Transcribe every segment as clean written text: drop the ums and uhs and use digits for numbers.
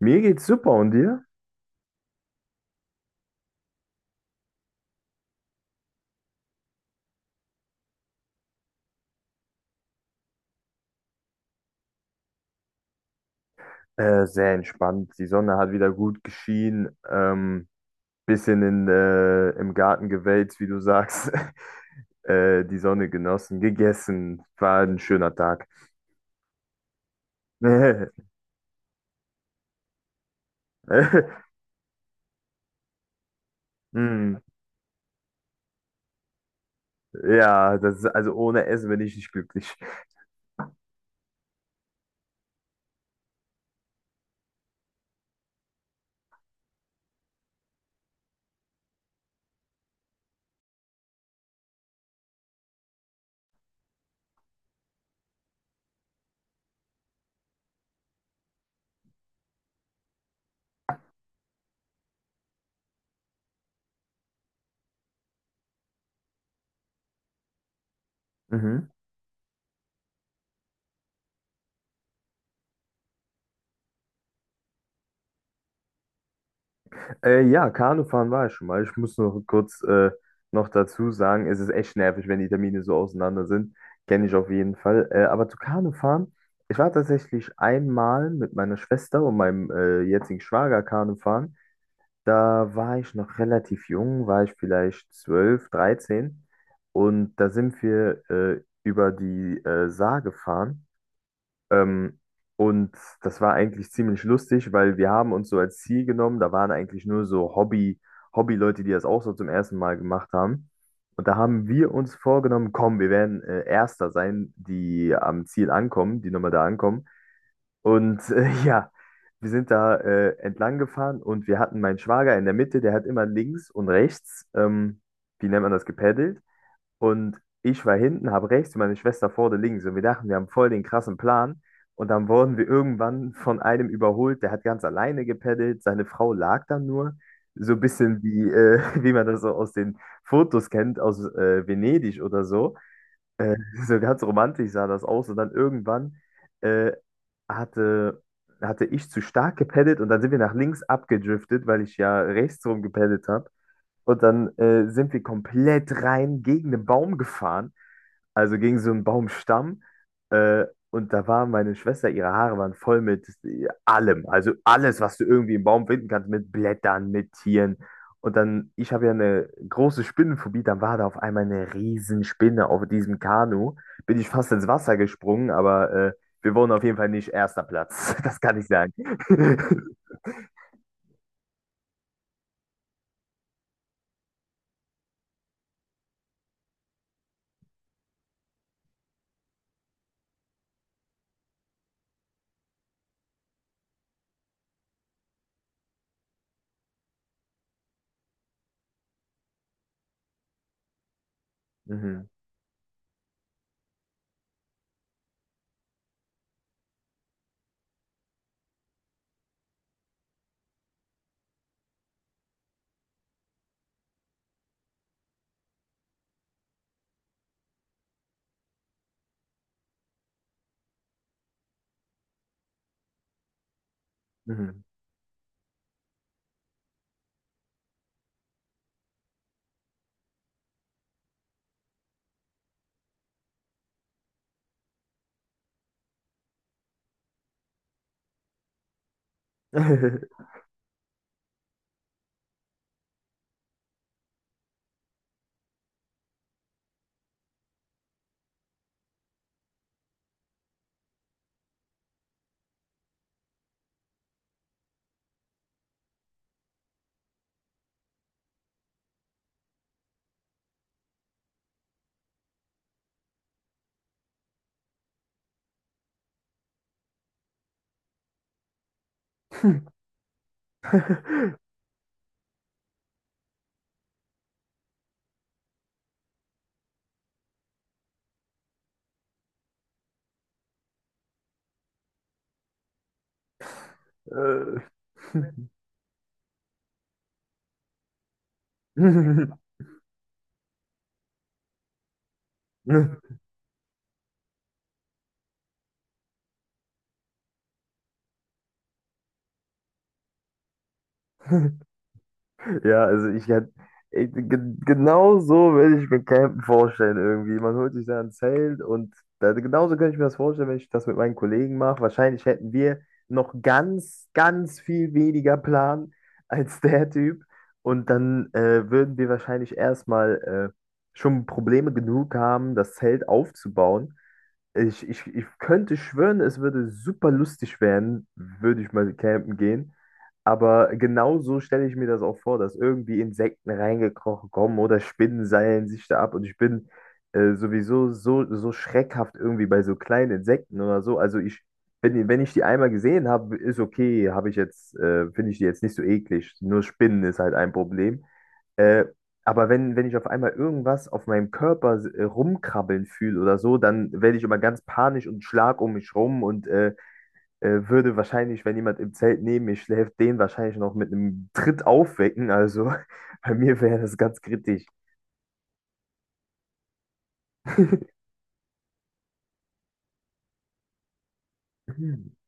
Mir geht's super, und dir? Sehr entspannt. Die Sonne hat wieder gut geschienen. Bisschen im Garten gewälzt, wie du sagst. Die Sonne genossen, gegessen. War ein schöner Tag. Hm, ja, das ist, also ohne Essen bin ich nicht glücklich. Mhm. Ja, Kanufahren war ich schon mal. Ich muss noch kurz noch dazu sagen, es ist echt nervig, wenn die Termine so auseinander sind. Kenne ich auf jeden Fall. Aber zu Kanufahren, ich war tatsächlich einmal mit meiner Schwester und meinem jetzigen Schwager Kanufahren. Da war ich noch relativ jung, war ich vielleicht 12, 13, und da sind wir über die Saar gefahren. Ähm, und das war eigentlich ziemlich lustig, weil wir haben uns so als Ziel genommen, da waren eigentlich nur so Hobby-Leute, die das auch so zum ersten Mal gemacht haben. Und da haben wir uns vorgenommen, komm, wir werden Erster sein, die am Ziel ankommen, die nochmal da ankommen. Und ja, wir sind da entlang gefahren, und wir hatten meinen Schwager in der Mitte, der hat immer links und rechts, wie nennt man das, gepaddelt. Und ich war hinten, habe rechts und meine Schwester vorne links. Und wir dachten, wir haben voll den krassen Plan. Und dann wurden wir irgendwann von einem überholt, der hat ganz alleine gepeddelt. Seine Frau lag dann nur. So ein bisschen wie, wie man das so aus den Fotos kennt, aus Venedig oder so. Äh, so ganz romantisch sah das aus. Und dann irgendwann äh, hatte, hatte ich zu stark gepeddelt, und dann sind wir nach links abgedriftet, weil ich ja rechts rum gepeddelt habe. Und dann sind wir komplett rein gegen den Baum gefahren, also gegen so einen Baumstamm. Äh, und da war meine Schwester, ihre Haare waren voll mit allem. Also alles, was du irgendwie im Baum finden kannst, mit Blättern, mit Tieren. Und dann, ich habe ja eine große Spinnenphobie, dann war da auf einmal eine Riesenspinne auf diesem Kanu. Bin ich fast ins Wasser gesprungen, aber wir wurden auf jeden Fall nicht erster Platz. Das kann ich sagen. Mhm. Mhm. Äh, ja, also ich hätte ich- ge- genau so würde ich mir Campen vorstellen irgendwie. Man holt sich da ein Zelt, und da, genauso könnte ich mir das vorstellen, wenn ich das mit meinen Kollegen mache. Wahrscheinlich hätten wir noch ganz viel weniger Plan als der Typ. Und dann würden wir wahrscheinlich erstmal schon Probleme genug haben, das Zelt aufzubauen. Ich könnte schwören, es würde super lustig werden, würde ich mal campen gehen. Aber genau so stelle ich mir das auch vor, dass irgendwie Insekten reingekrochen kommen oder Spinnen seilen sich da ab. Und ich bin sowieso so, so schreckhaft irgendwie bei so kleinen Insekten oder so. Also ich, wenn ich die einmal gesehen habe, ist okay, habe ich jetzt, finde ich die jetzt nicht so eklig. Nur Spinnen ist halt ein Problem. Äh, aber wenn ich auf einmal irgendwas auf meinem Körper rumkrabbeln fühle oder so, dann werde ich immer ganz panisch und schlag um mich rum, und würde wahrscheinlich, wenn jemand im Zelt neben mir schläft, den wahrscheinlich noch mit einem Tritt aufwecken. Also bei mir wäre das ganz kritisch.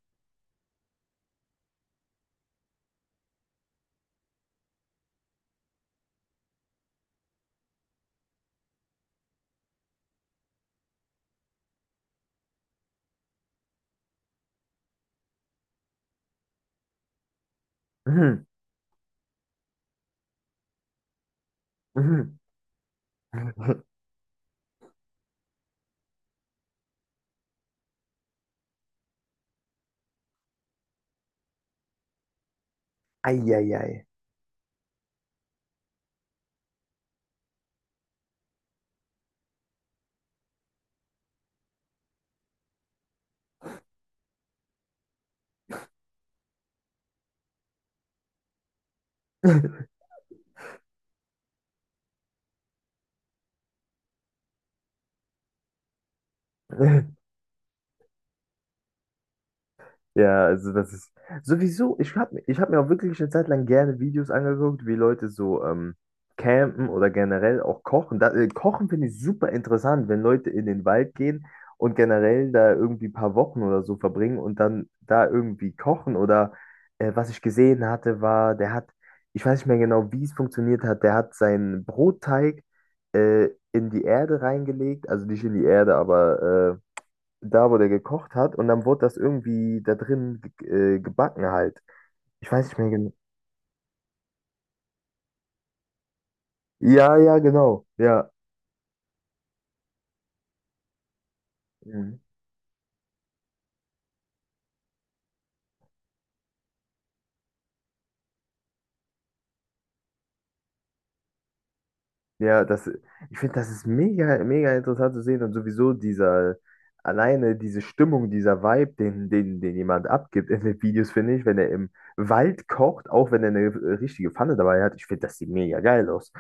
Eieiei. Ja, also das ist sowieso, ich hab mir auch wirklich eine Zeit lang gerne Videos angeguckt, wie Leute so campen oder generell auch kochen. Da, Kochen finde ich super interessant, wenn Leute in den Wald gehen und generell da irgendwie ein paar Wochen oder so verbringen und dann da irgendwie kochen. Oder was ich gesehen hatte, war, ich weiß nicht mehr genau, wie es funktioniert hat, der hat seinen Brotteig äh, in die Erde reingelegt, also nicht in die Erde, aber da, wo der gekocht hat, und dann wurde das irgendwie da drin gebacken halt. Ich weiß nicht mehr genau. Ja, ja, genau. Ja. Mhm. Ja, das, ich finde, das ist mega, mega interessant zu sehen, und sowieso dieser, alleine diese Stimmung, dieser Vibe, den, den, den jemand abgibt in den Videos, finde ich, wenn er im Wald kocht, auch wenn er eine richtige Pfanne dabei hat, ich finde, das sieht mega geil aus.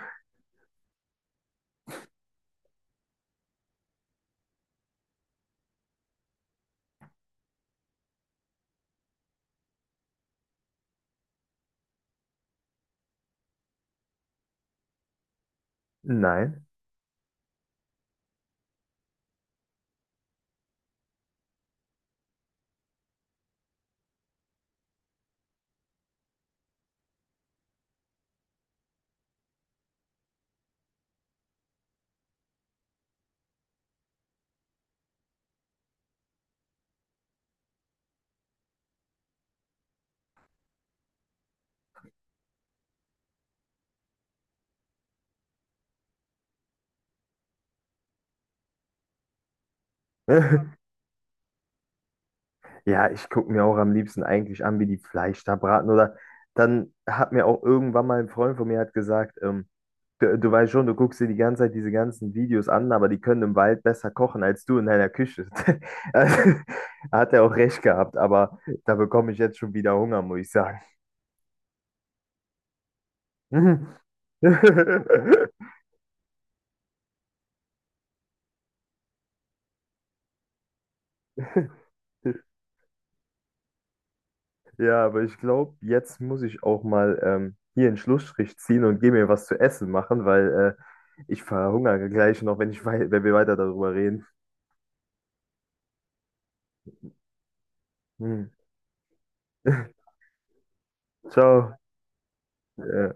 Nein. Ja, ich gucke mir auch am liebsten eigentlich an, wie die Fleisch da braten. Oder dann hat mir auch irgendwann mal ein Freund von mir hat gesagt, du, du weißt schon, du guckst dir die ganze Zeit diese ganzen Videos an, aber die können im Wald besser kochen als du in deiner Küche. Also, hat er auch recht gehabt, aber da bekomme ich jetzt schon wieder Hunger, muss ich sagen. Ja, aber ich glaube, jetzt muss ich auch mal hier einen Schlussstrich ziehen und gehe mir was zu essen machen, weil ich verhungere gleich noch, wenn ich wei wenn wir weiter darüber reden. Hm. Ciao. Äh,